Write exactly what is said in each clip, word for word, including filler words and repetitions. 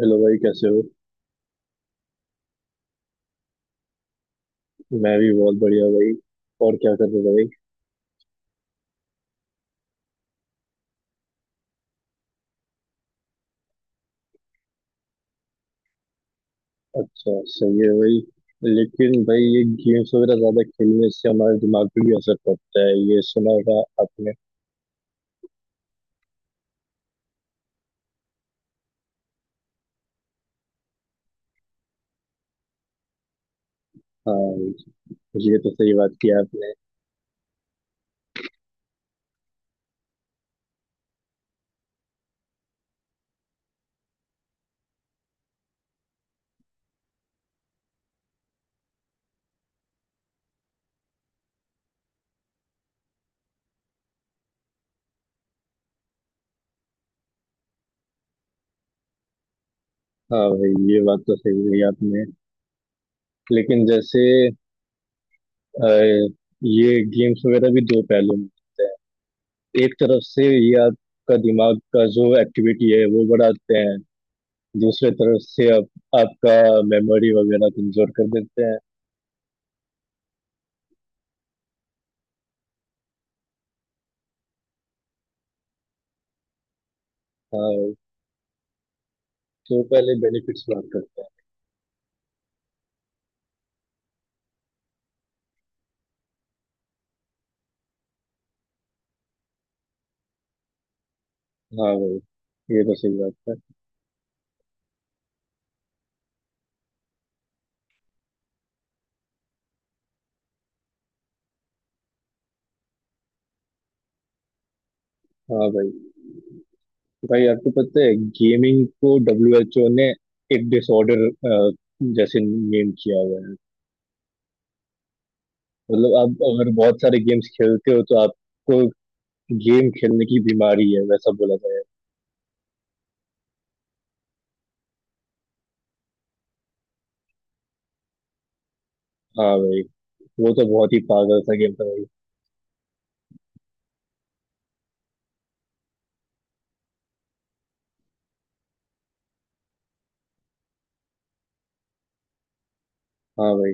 Hello भाई, कैसे हो। मैं भी बहुत बढ़िया भाई। और क्या कर रहे हो भाई। अच्छा, सही है भाई। लेकिन भाई, ये गेम्स वगैरह ज्यादा खेलने से हमारे दिमाग पे भी असर पड़ता है, ये सुना होगा आपने। हाँ, ये तो सही बात की आपने। हाँ भाई, ये बात तो सही कही आपने। लेकिन जैसे अ, ये गेम्स वगैरह भी दो पहलू में होते हैं। एक तरफ से ये आपका दिमाग का जो एक्टिविटी है वो बढ़ाते हैं, दूसरे तरफ से आप, आपका मेमोरी वगैरह कमजोर कर देते हैं। हाँ भाई, तो पहले बेनिफिट्स बात करते हैं। हाँ भाई, ये तो सही बात है। हाँ भाई, भाई आपको पता है गेमिंग को डब्ल्यू एच ओ ने एक डिसऑर्डर जैसे नेम किया हुआ है। मतलब आप अगर बहुत सारे गेम्स खेलते हो तो आपको गेम खेलने की बीमारी है, वैसा बोला जाए। हाँ भाई, वो तो बहुत ही पागल सा गेम था भाई। हाँ भाई,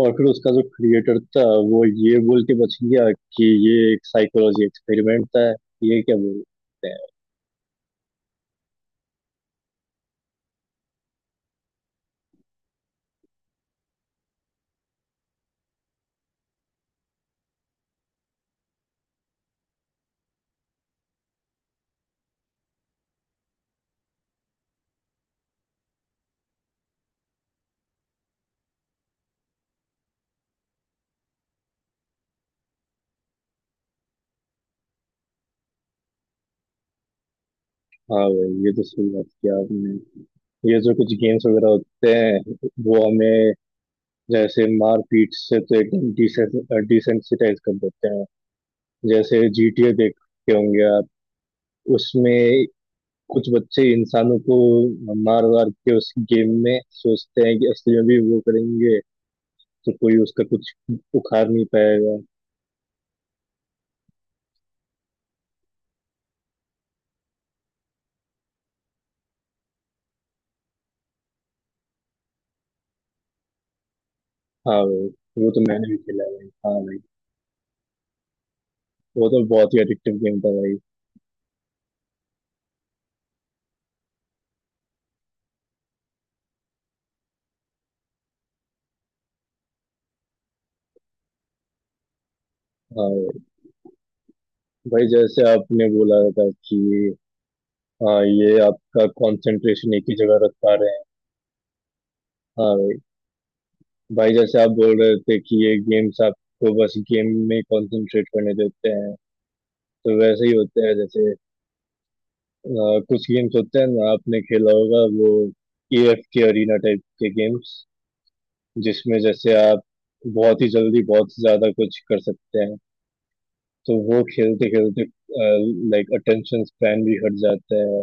और फिर उसका जो क्रिएटर था वो ये बोल के बच गया कि ये एक साइकोलॉजी एक्सपेरिमेंट था। ये क्या बोल। हाँ भाई, ये तो सही बात किया आपने। ये जो कुछ गेम्स वगैरह होते हैं वो हमें जैसे मारपीट से तो एकदम डिसेंसिटाइज कर देते हैं। जैसे जीटीए देखते होंगे आप, उसमें कुछ बच्चे इंसानों को मार वार के उस गेम में सोचते हैं कि असली में भी वो करेंगे तो कोई उसका कुछ उखाड़ नहीं पाएगा। हाँ भाई, वो तो मैंने भी खेला है भाई। हाँ भाई, वो तो बहुत ही एडिक्टिव गेम था भाई। हाँ भाई, भाई जैसे आपने बोला था कि हाँ, ये आपका कंसंट्रेशन एक ही जगह रख पा रहे हैं। हाँ भाई, भाई जैसे आप बोल रहे थे कि ये गेम्स आपको बस गेम में कंसंट्रेट करने देते हैं तो वैसे ही होते हैं जैसे अ, कुछ गेम्स होते हैं ना, आपने खेला होगा वो एएफ के अरीना टाइप के गेम्स, जिसमें जैसे आप बहुत ही जल्दी बहुत ज्यादा कुछ कर सकते हैं। तो वो खेलते खेलते लाइक अटेंशन स्पैन भी हट जाता है,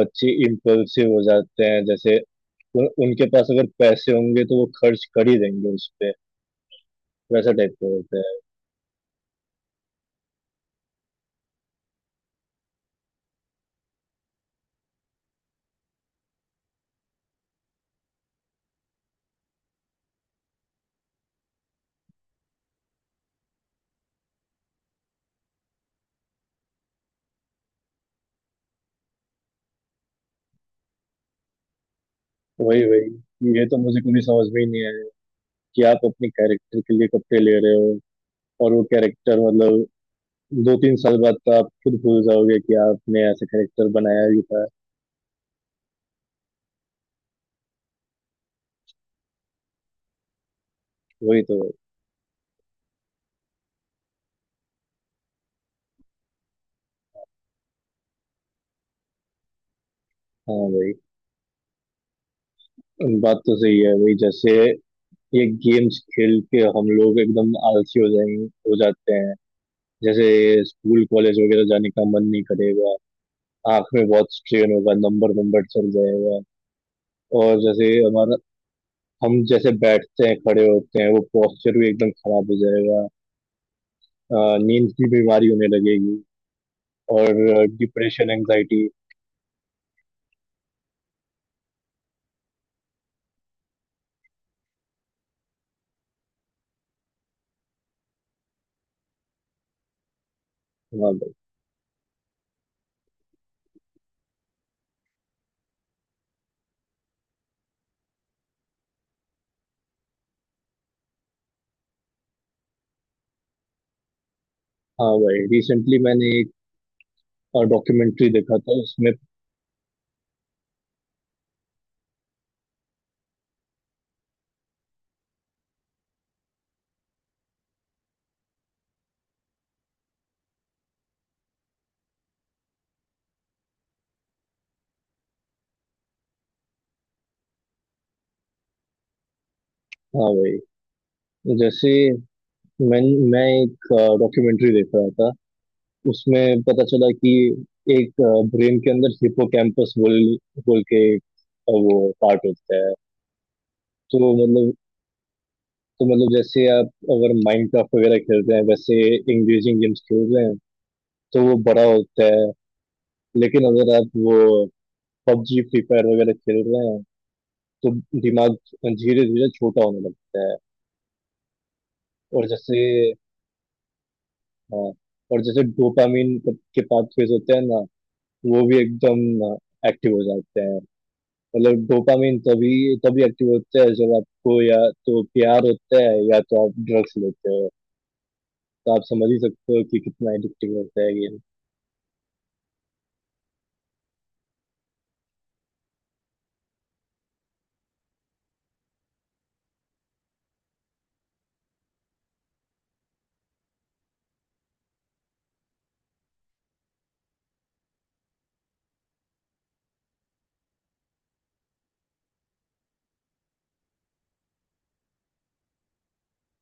बच्चे इम्पल्सिव हो जाते हैं। जैसे उन, उनके पास अगर पैसे होंगे तो वो खर्च कर ही देंगे उस पे, वैसा टाइप का होता है। वही वही, ये तो मुझे कभी समझ में ही नहीं आया कि आप अपने कैरेक्टर के लिए कपड़े ले रहे हो और वो कैरेक्टर मतलब दो तीन साल बाद तो आप खुद भूल जाओगे कि आपने ऐसा कैरेक्टर बनाया भी था। वही तो। हाँ भाई, बात तो सही है। वही जैसे ये गेम्स खेल के हम लोग एकदम आलसी हो जाएंगे, हो जाते हैं। जैसे स्कूल कॉलेज वगैरह जाने का मन नहीं करेगा, आंख में बहुत स्ट्रेन होगा, नंबर नंबर चल जाएगा। और जैसे हमारा, हम जैसे बैठते हैं खड़े होते हैं वो पोस्चर भी एकदम खराब हो जाएगा। अ, नींद की बीमारी होने लगेगी और डिप्रेशन एंजाइटी। हाँ भाई। हाँ भाई, रिसेंटली मैंने एक डॉक्यूमेंट्री देखा था उसमें। हाँ भाई, जैसे मैं मैं एक डॉक्यूमेंट्री देख रहा था, उसमें पता चला कि एक ब्रेन के अंदर हिपोकैम्पस बोल बोल के एक, अ, वो पार्ट होता है। तो मतलब तो मतलब जैसे आप अगर माइनक्राफ्ट वगैरह खेलते हैं, वैसे इंगेजिंग गेम्स खेल रहे हैं तो वो बड़ा होता है। लेकिन अगर आप वो पबजी फ्री फायर वगैरह खेल रहे हैं तो दिमाग धीरे धीरे छोटा होने लगता है। और जैसे, हाँ, और जैसे डोपामिन के पाथवेज होते हैं ना, वो भी एकदम एक्टिव हो जाते हैं। मतलब डोपामिन तभी तभी एक्टिव होता है जब आपको या तो प्यार होता है या तो आप ड्रग्स लेते हो। तो आप समझ ही सकते हो कि कितना एडिक्टिव होता है गेम।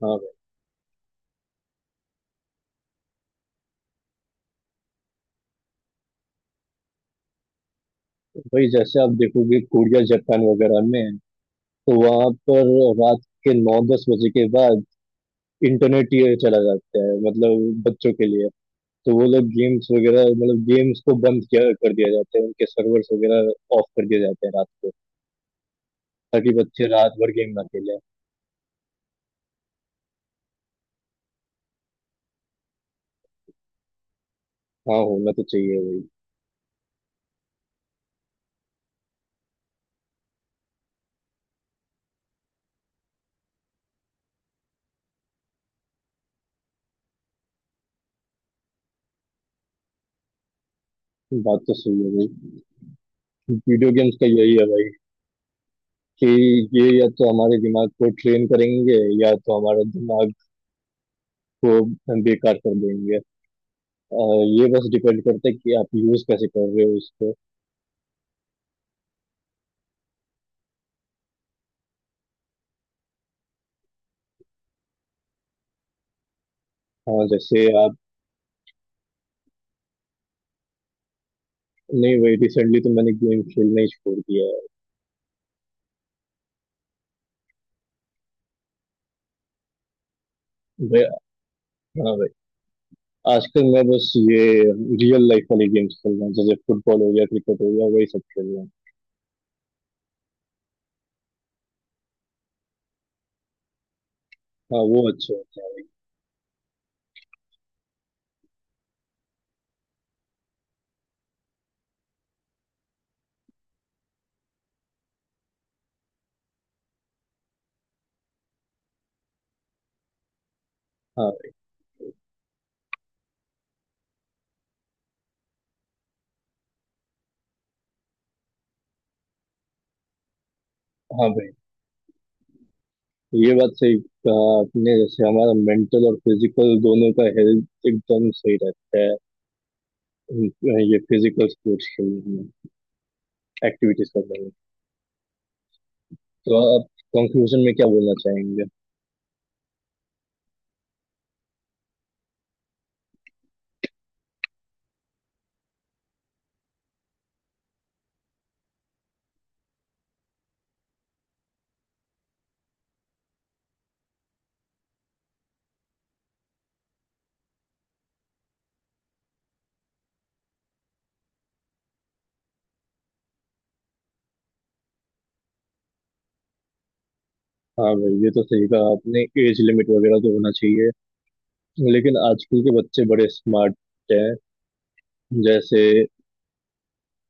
हाँ भाई, जैसे आप देखोगे कोरिया जापान वगैरह में तो वहां पर रात के नौ दस बजे के बाद इंटरनेट ये चला जाता है, मतलब बच्चों के लिए। तो वो लोग गेम्स वगैरह, मतलब गेम्स को बंद किया, कर दिया जाता है, उनके सर्वर्स वगैरह ऑफ कर दिए जाते हैं रात को, ताकि बच्चे रात भर गेम ना खेले। हाँ, होना तो चाहिए भाई। बात तो सही है भाई। वीडियो गेम्स का यही है भाई, कि ये या तो हमारे दिमाग को ट्रेन करेंगे या तो हमारा दिमाग को बेकार कर देंगे। अ, ये बस डिपेंड करता है कि आप यूज कैसे कर रहे हो उसको। हाँ, जैसे आप। नहीं भाई, रिसेंटली तो मैंने गेम खेलना ही छोड़ दिया है भाई। हाँ भाई, आजकल मैं बस ये रियल लाइफ वाले गेम्स खेल रहा हूँ, जैसे फुटबॉल हो गया, क्रिकेट हो गया, वही सब खेल रहा हूँ। हाँ, वो अच्छा होता है। हाँ। हाँ भाई, ये बात सही कहा आपने, जैसे हमारा मेंटल और फिजिकल दोनों का हेल्थ एकदम सही रहता है। अ, ये फिजिकल स्पोर्ट्स खेलने में, एक्टिविटीज करने में। तो आप कंक्लूजन में क्या बोलना चाहेंगे। हाँ भाई, ये तो सही कहा आपने, एज लिमिट वगैरह तो होना चाहिए। लेकिन आजकल के बच्चे बड़े स्मार्ट हैं। जैसे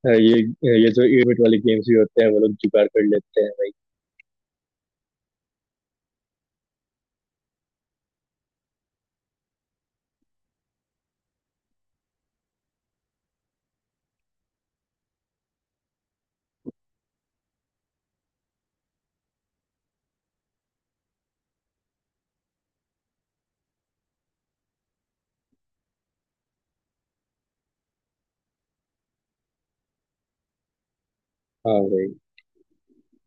अ, ये ये जो एज लिमिट वाले गेम्स भी होते हैं वो लोग जुगाड़ कर लेते हैं भाई। हाँ भाई,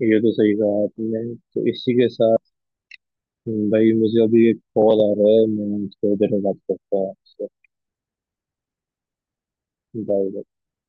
ये तो सही कहा आपने। तो इसी के साथ भाई, मुझे अभी एक कॉल आ रहा है, मैं थोड़ी देर में बात करता हूँ आपसे। बाय।